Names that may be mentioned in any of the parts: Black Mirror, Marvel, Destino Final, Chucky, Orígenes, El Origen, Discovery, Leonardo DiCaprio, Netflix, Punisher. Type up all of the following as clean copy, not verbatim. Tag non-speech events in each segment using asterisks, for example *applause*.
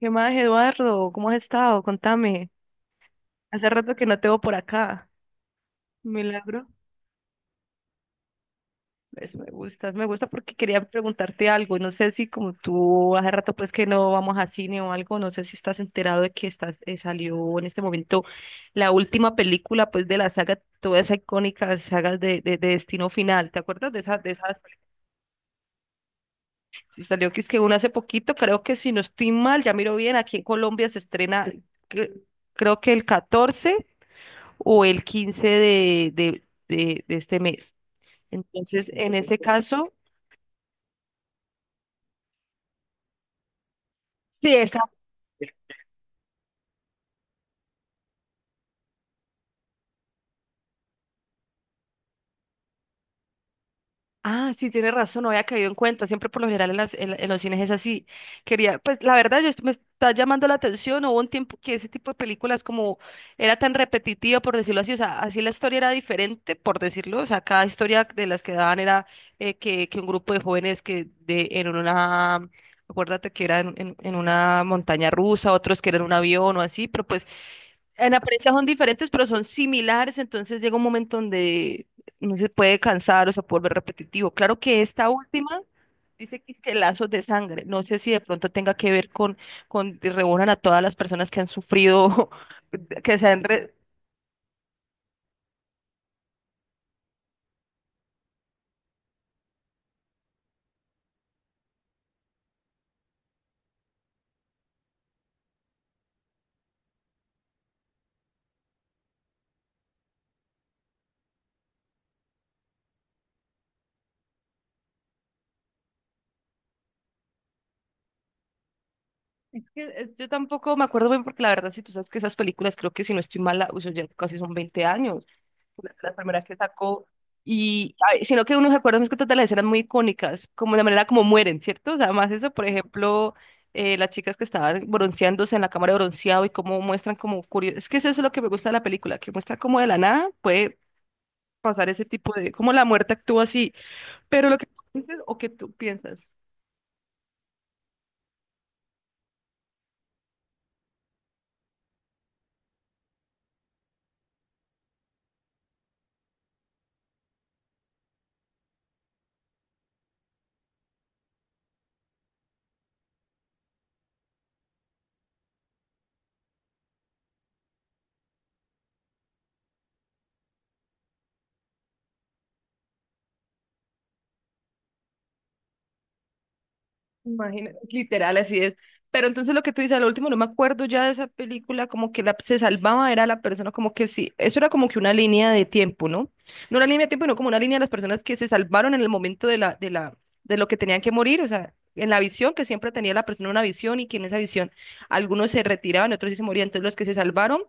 ¿Qué más, Eduardo? ¿Cómo has estado? Contame. Hace rato que no te veo por acá. Milagro. Eso me gusta porque quería preguntarte algo. No sé si como tú hace rato pues que no vamos a cine o algo, no sé si estás enterado de que estás, salió en este momento la última película pues de la saga, toda esa icónica saga de Destino Final. ¿Te acuerdas de esa, de esa? Salió que es que una hace poquito, creo que si no estoy mal, ya miro bien, aquí en Colombia se estrena, cre- creo que el 14 o el 15 de este mes. Entonces, en ese caso, sí, exacto. Ah, sí, tiene razón, no había caído en cuenta. Siempre por lo general en, las, en, la- en los cines es así. Quería, pues la verdad, yo, me está llamando la atención. Hubo un tiempo que ese tipo de películas como era tan repetitiva, por decirlo así. O sea, así la historia era diferente, por decirlo. O sea, cada historia de las que daban era que un grupo de jóvenes en una... Acuérdate que era en una montaña rusa, otros que eran un avión o así, pero pues en apariencia son diferentes, pero son similares, entonces llega un momento donde no se puede cansar o se puede volver repetitivo. Claro que esta última dice que lazos de sangre. No sé si de pronto tenga que ver con que reúnan a todas las personas que han sufrido, *laughs* que se han... Es que yo tampoco me acuerdo bien porque la verdad, si tú sabes que esas películas, creo que si no estoy mala, uy, eso ya casi son 20 años, las primeras que sacó. Y, ay, sino que uno se acuerda más que todas de las escenas muy icónicas, como de manera como mueren, ¿cierto? O sea, además eso, por ejemplo, las chicas que estaban bronceándose en la cámara de bronceado y cómo muestran como curioso. Es que eso es lo que me gusta de la película, que muestra como de la nada puede pasar ese tipo de, como la muerte actúa así. Pero lo que tú dices o que tú piensas, imagínate, literal, así es. Pero entonces lo que tú dices, al último no me acuerdo ya de esa película, como que la, se salvaba, era la persona, como que sí, eso era como que una línea de tiempo, ¿no? No una línea de tiempo, sino como una línea de las personas que se salvaron en el momento de lo que tenían que morir, o sea, en la visión, que siempre tenía la persona una visión y que en esa visión algunos se retiraban, otros sí se morían, entonces los que se salvaron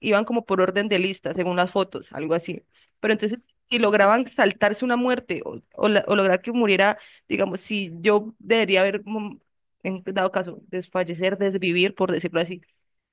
iban como por orden de lista, según las fotos, algo así. Pero entonces, si lograban saltarse una muerte o, o lograr que muriera. Digamos, si yo debería haber, en dado caso, desfallecer, desvivir, por decirlo así,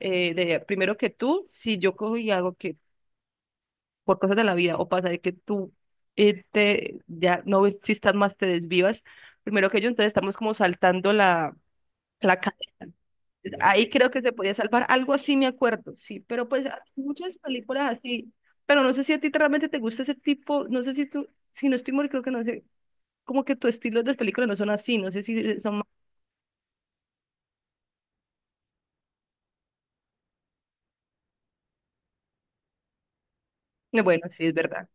primero que tú, si yo cojo y hago que por cosas de la vida o pasa de que tú te, ya no existas más, te desvivas, primero que yo, entonces estamos como saltando la, la cadena. Ahí creo que se podía salvar, algo así me acuerdo, sí, pero pues hay muchas películas así, pero no sé si a ti realmente te gusta ese tipo, no sé si tú, si no estoy mal, creo que no sé, como que tu estilo de películas no son así, no sé si son no, bueno, sí, es verdad.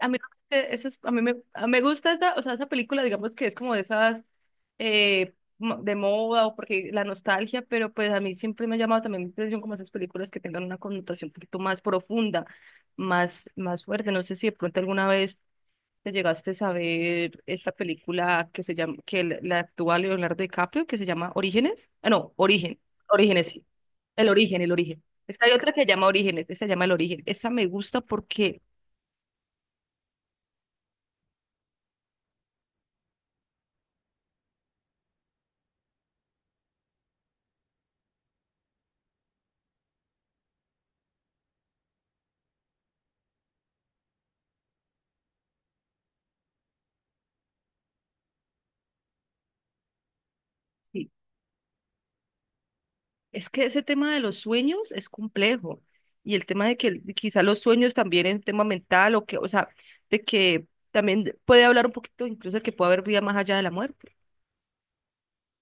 A mí, a mí me gusta esta, o sea, esa película, digamos que es como de esas de moda o porque la nostalgia, pero pues a mí siempre me ha llamado también la atención como esas películas que tengan una connotación un poquito más profunda, más, más fuerte. No sé si de pronto alguna vez te llegaste a saber esta película que se llama, que la actúa Leonardo DiCaprio, que se llama Orígenes. Ah, no, Origen. Orígenes, sí. El origen, el origen. Es que hay otra que se llama Orígenes, esa se llama El Origen. Esa me gusta porque... sí, es que ese tema de los sueños es complejo y el tema de que quizá los sueños también es un tema mental o que, o sea, de que también puede hablar un poquito incluso de que puede haber vida más allá de la muerte.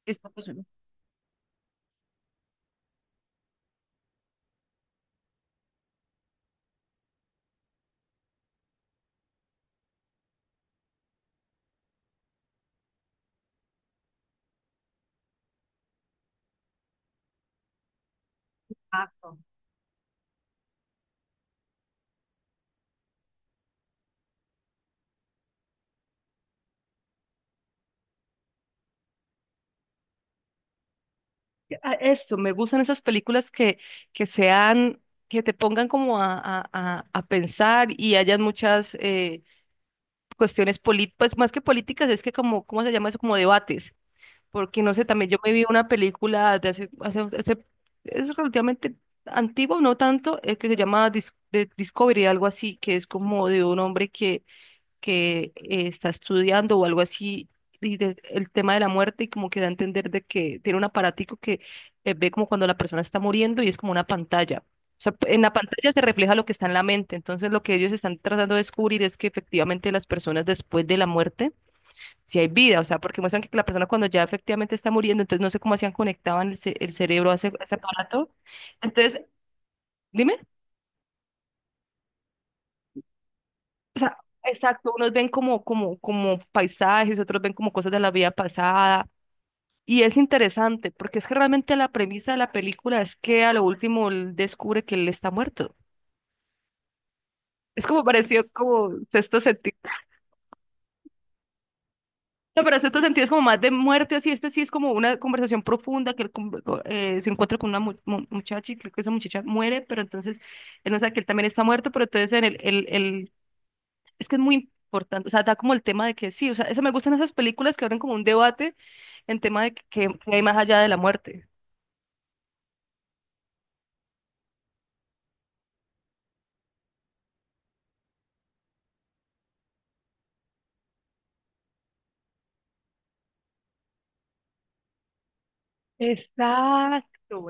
Esto, pues, uno... exacto. Ah, eso, me gustan esas películas que sean, que te pongan como a pensar y hayan muchas cuestiones políticas, pues más que políticas, es que como, ¿cómo se llama eso? Como debates. Porque no sé, también yo me vi una película de es relativamente antigua, no tanto, que se llama de Discovery, algo así, que es como de un hombre que, que está estudiando o algo así, y el tema de la muerte, y como que da a entender de que tiene un aparatico que ve como cuando la persona está muriendo y es como una pantalla. O sea, en la pantalla se refleja lo que está en la mente. Entonces, lo que ellos están tratando de descubrir es que efectivamente las personas después de la muerte si hay vida, o sea, porque muestran que la persona cuando ya efectivamente está muriendo, entonces no sé cómo hacían, conectaban el cerebro a ese aparato. Entonces, dime, exacto, unos ven como paisajes, otros ven como cosas de la vida pasada, y es interesante, porque es que realmente la premisa de la película es que a lo último él descubre que él está muerto. Es como parecido como sexto sentido. No, pero este otro sentido es como más de muerte, así este sí es como una conversación profunda que él se encuentra con una muchacha y creo que esa muchacha muere, pero entonces él no sabe que él también está muerto, pero entonces en es que es muy importante, o sea, da como el tema de que sí, o sea, eso me gustan esas películas que abren como un debate en tema de que hay más allá de la muerte. Exacto,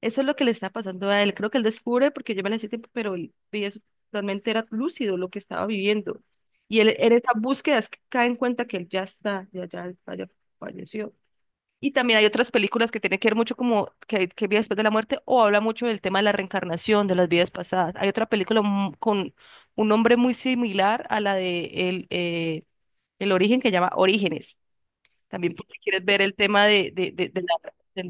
eso es lo que le está pasando a él. Creo que él descubre, porque yo me la hice tiempo, pero él veía eso, realmente era lúcido lo que estaba viviendo. Y él en esa búsqueda es que cae en cuenta que él ya está, falleció. Y también hay otras películas que tienen que ver mucho como que vida después de la muerte o habla mucho del tema de la reencarnación, de las vidas pasadas. Hay otra película con un nombre muy similar a la de el Origen que llama Orígenes. También por si quieres ver el tema de la,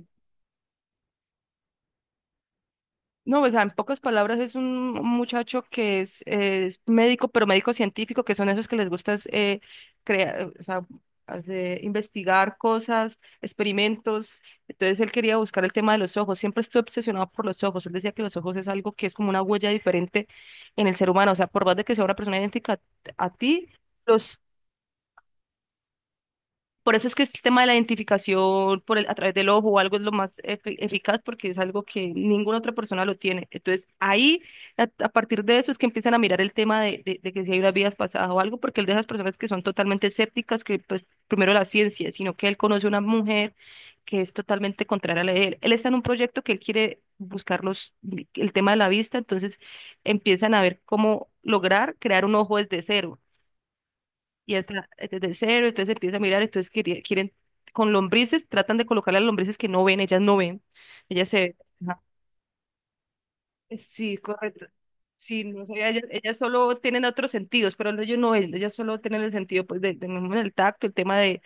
no, o sea, en pocas palabras es un muchacho que es médico, pero médico científico, que son esos que les gusta es, crear, o sea, investigar cosas, experimentos. Entonces él quería buscar el tema de los ojos. Siempre estoy obsesionado por los ojos. Él decía que los ojos es algo que es como una huella diferente en el ser humano. O sea, por más de que sea una persona idéntica a ti, los por eso es que este tema de la identificación por el, a través del ojo o algo es lo más eficaz porque es algo que ninguna otra persona lo tiene. Entonces, ahí, a partir de eso, es que empiezan a mirar el tema de que si hay unas vidas pasadas o algo, porque él de esas personas que son totalmente escépticas, que pues primero la ciencia, sino que él conoce una mujer que es totalmente contraria a la de él. Él está en un proyecto que él quiere buscar los, el tema de la vista, entonces empiezan a ver cómo lograr crear un ojo desde cero y está desde cero, entonces empieza a mirar, entonces quieren, con lombrices, tratan de colocar las lombrices que no ven, ellas no ven, ellas se... ajá. Sí, correcto. Sí, no sé, ellas solo tienen otros sentidos, pero ellos no ven, ellas solo tienen el sentido pues de, del tacto, el tema de,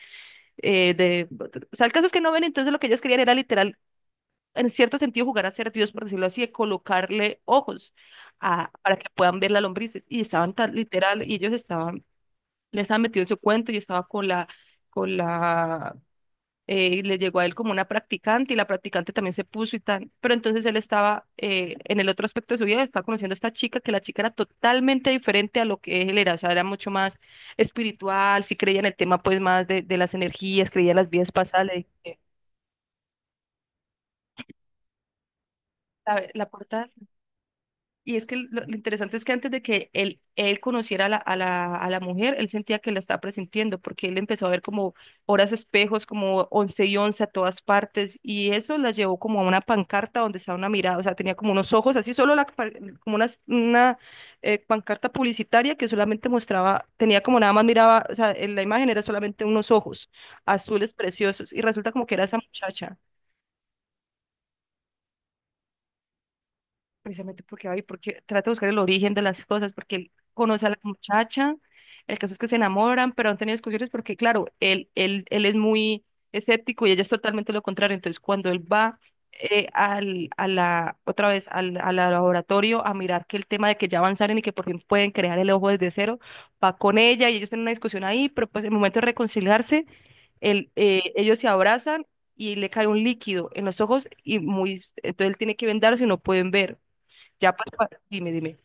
eh, de... O sea, el caso es que no ven, entonces lo que ellas querían era literal, en cierto sentido, jugar a ser Dios, por decirlo así, de colocarle ojos a, para que puedan ver las lombrices. Y estaban tan literal, y ellos estaban, le estaba metido en su cuento y estaba con la, y le llegó a él como una practicante y la practicante también se puso y tal. Pero entonces él estaba en el otro aspecto de su vida, estaba conociendo a esta chica, que la chica era totalmente diferente a lo que él era. O sea, era mucho más espiritual, sí creía en el tema pues más de las energías, creía en las vidas pasadas, le dije, "¿Sabe? La puerta". Y es que lo interesante es que antes de que él conociera a a la mujer, él sentía que la estaba presintiendo, porque él empezó a ver como horas espejos, como 11:11 a todas partes, y eso la llevó como a una pancarta donde estaba una mirada. O sea, tenía como unos ojos, así solo como una pancarta publicitaria que solamente mostraba, tenía como nada más miraba. O sea, en la imagen era solamente unos ojos azules preciosos, y resulta como que era esa muchacha. Precisamente porque va y porque trata de buscar el origen de las cosas, porque él conoce a la muchacha, el caso es que se enamoran, pero han tenido discusiones porque, claro, él es muy escéptico y ella es totalmente lo contrario. Entonces, cuando él va otra vez al laboratorio a mirar que el tema de que ya avanzaron y que por fin pueden crear el ojo desde cero, va con ella y ellos tienen una discusión ahí, pero pues en el momento de reconciliarse, ellos se abrazan. Y le cae un líquido en los ojos y muy, entonces él tiene que vendarse y no pueden ver. Ya dime, dime.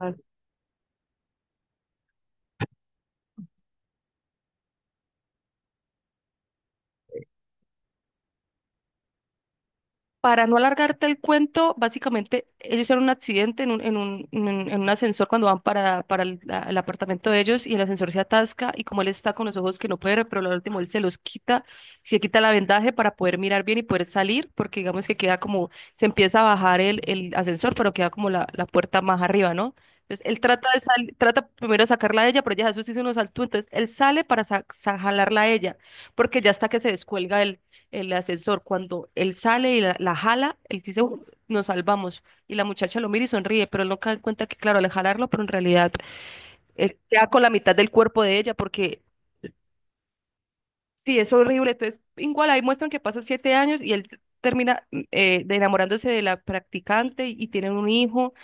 Ah. Para no alargarte el cuento, básicamente ellos hicieron un accidente en en un ascensor cuando van para el apartamento de ellos, y el ascensor se atasca. Y como él está con los ojos que no puede ver, pero lo último él se los quita, se quita la vendaje para poder mirar bien y poder salir, porque digamos que queda como, se empieza a bajar el ascensor, pero queda como la puerta más arriba, ¿no? Entonces él trata de sal-, trata primero de sacarla a ella, pero ella Jesús hizo unos saltos, entonces él sale para jalarla a ella, porque ya está que se descuelga él, el ascensor. Cuando él sale y la jala, él dice, nos salvamos". Y la muchacha lo mira y sonríe, pero él no cae en cuenta que, claro, al jalarlo, pero en realidad él queda con la mitad del cuerpo de ella, porque sí, es horrible. Entonces, igual ahí muestran que pasan 7 años y él termina de enamorándose de la practicante y tienen un hijo.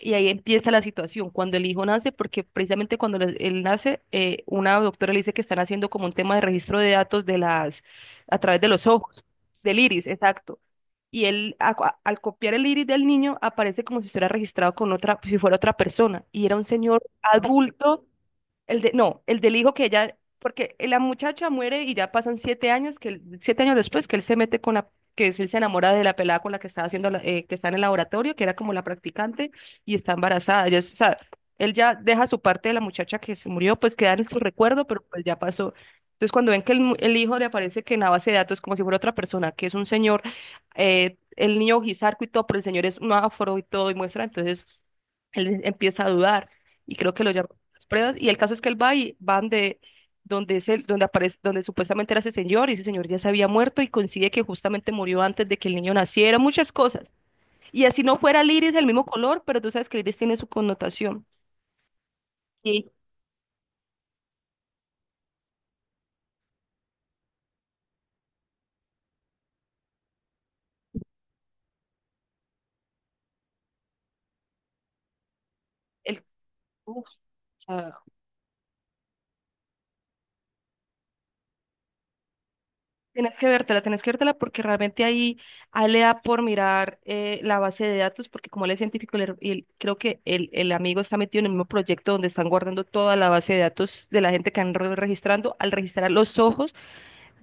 Y ahí empieza la situación, cuando el hijo nace, porque precisamente cuando él nace, una doctora le dice que están haciendo como un tema de registro de datos de las, a través de los ojos, del iris, exacto. Y él, al copiar el iris del niño, aparece como si estuviera registrado con otra, si fuera otra persona. Y era un señor adulto, el de, no, el del hijo que ella, porque la muchacha muere y ya pasan 7 años, que él- 7 años después que él se mete con la, que él se enamora de la pelada con la que estaba haciendo, que está en el laboratorio, que era como la practicante, y está embarazada. O sea, él ya deja su parte de la muchacha que se murió, pues queda en su recuerdo, pero pues ya pasó. Entonces cuando ven que el hijo le aparece que en la base de datos, como si fuera otra persona, que es un señor, el niño Gizarco y todo, pero el señor es un afro y todo, y muestra entonces él empieza a dudar, y creo que lo llaman a las pruebas y el caso es que él va y van de donde es donde aparece, donde supuestamente era ese señor, y ese señor ya se había muerto y coincide que justamente murió antes de que el niño naciera, muchas cosas. Y así no fuera el iris del mismo color, pero tú sabes que el iris tiene su connotación. Y el, tienes que vértela, tienes que vértela, porque realmente ahí, ahí le da por mirar la base de datos, porque como él es científico, creo que el amigo está metido en el mismo proyecto donde están guardando toda la base de datos de la gente que han registrando. Al registrar los ojos,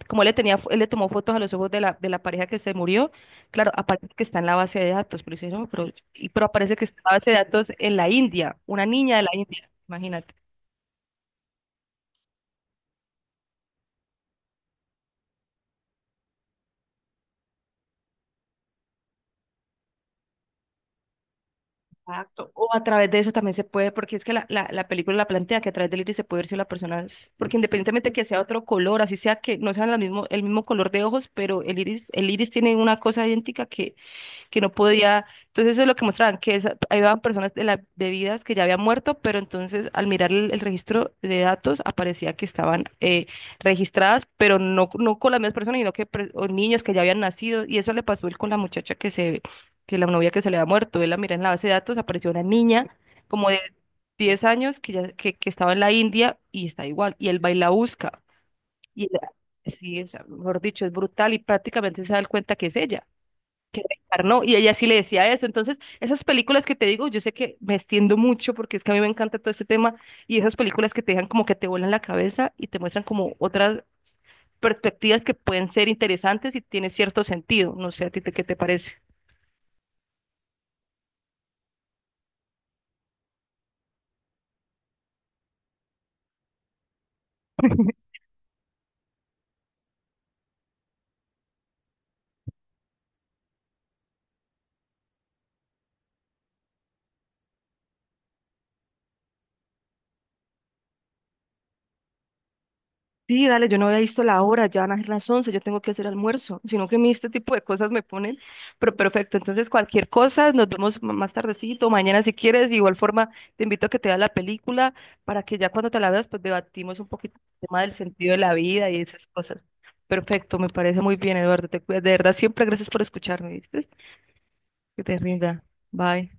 como él le tenía, él le tomó fotos a los ojos de de la pareja que se murió, claro, aparece que está en la base de datos. Pero dice, no, pero, pero aparece que está en la base de datos en la India, una niña de la India, imagínate. Exacto. O a través de eso también se puede, porque es que la película la plantea que a través del iris se puede ver si la persona es, porque independientemente que sea otro color, así sea que no sean la mismo, el mismo color de ojos, pero el iris tiene una cosa idéntica que no podía. Entonces eso es lo que mostraban, que ahí iban personas de, la, de vidas que ya habían muerto, pero entonces al mirar el registro de datos aparecía que estaban registradas, pero no con las mismas personas, sino que o niños que ya habían nacido. Y eso le pasó él con la muchacha que se, que la novia que se le había muerto. Él la mira en la base de datos, apareció una niña como de 10 años que, ya, que estaba en la India y está igual. Y él va y la busca. Y él- sí, o sea, mejor dicho, es brutal y prácticamente se da cuenta que es ella, que dejar, ¿no? Y ella sí le decía eso. Entonces, esas películas que te digo, yo sé que me extiendo mucho porque es que a mí me encanta todo este tema, y esas películas que te dejan como que te vuelan la cabeza y te muestran como otras perspectivas que pueden ser interesantes y tiene cierto sentido. No sé, ¿a ti te- qué te parece? Sí, dale, yo no había visto la hora, ya van a ser las 11. Yo tengo que hacer almuerzo, sino que a mí este tipo de cosas me ponen, pero perfecto. Entonces cualquier cosa, nos vemos m- más tardecito, mañana si quieres. De igual forma te invito a que te veas la película, para que ya cuando te la veas, pues debatimos un poquito el tema del sentido de la vida y esas cosas. Perfecto, me parece muy bien, Eduardo, te cuidas, de verdad, siempre gracias por escucharme, ¿viste? Que te rinda, bye.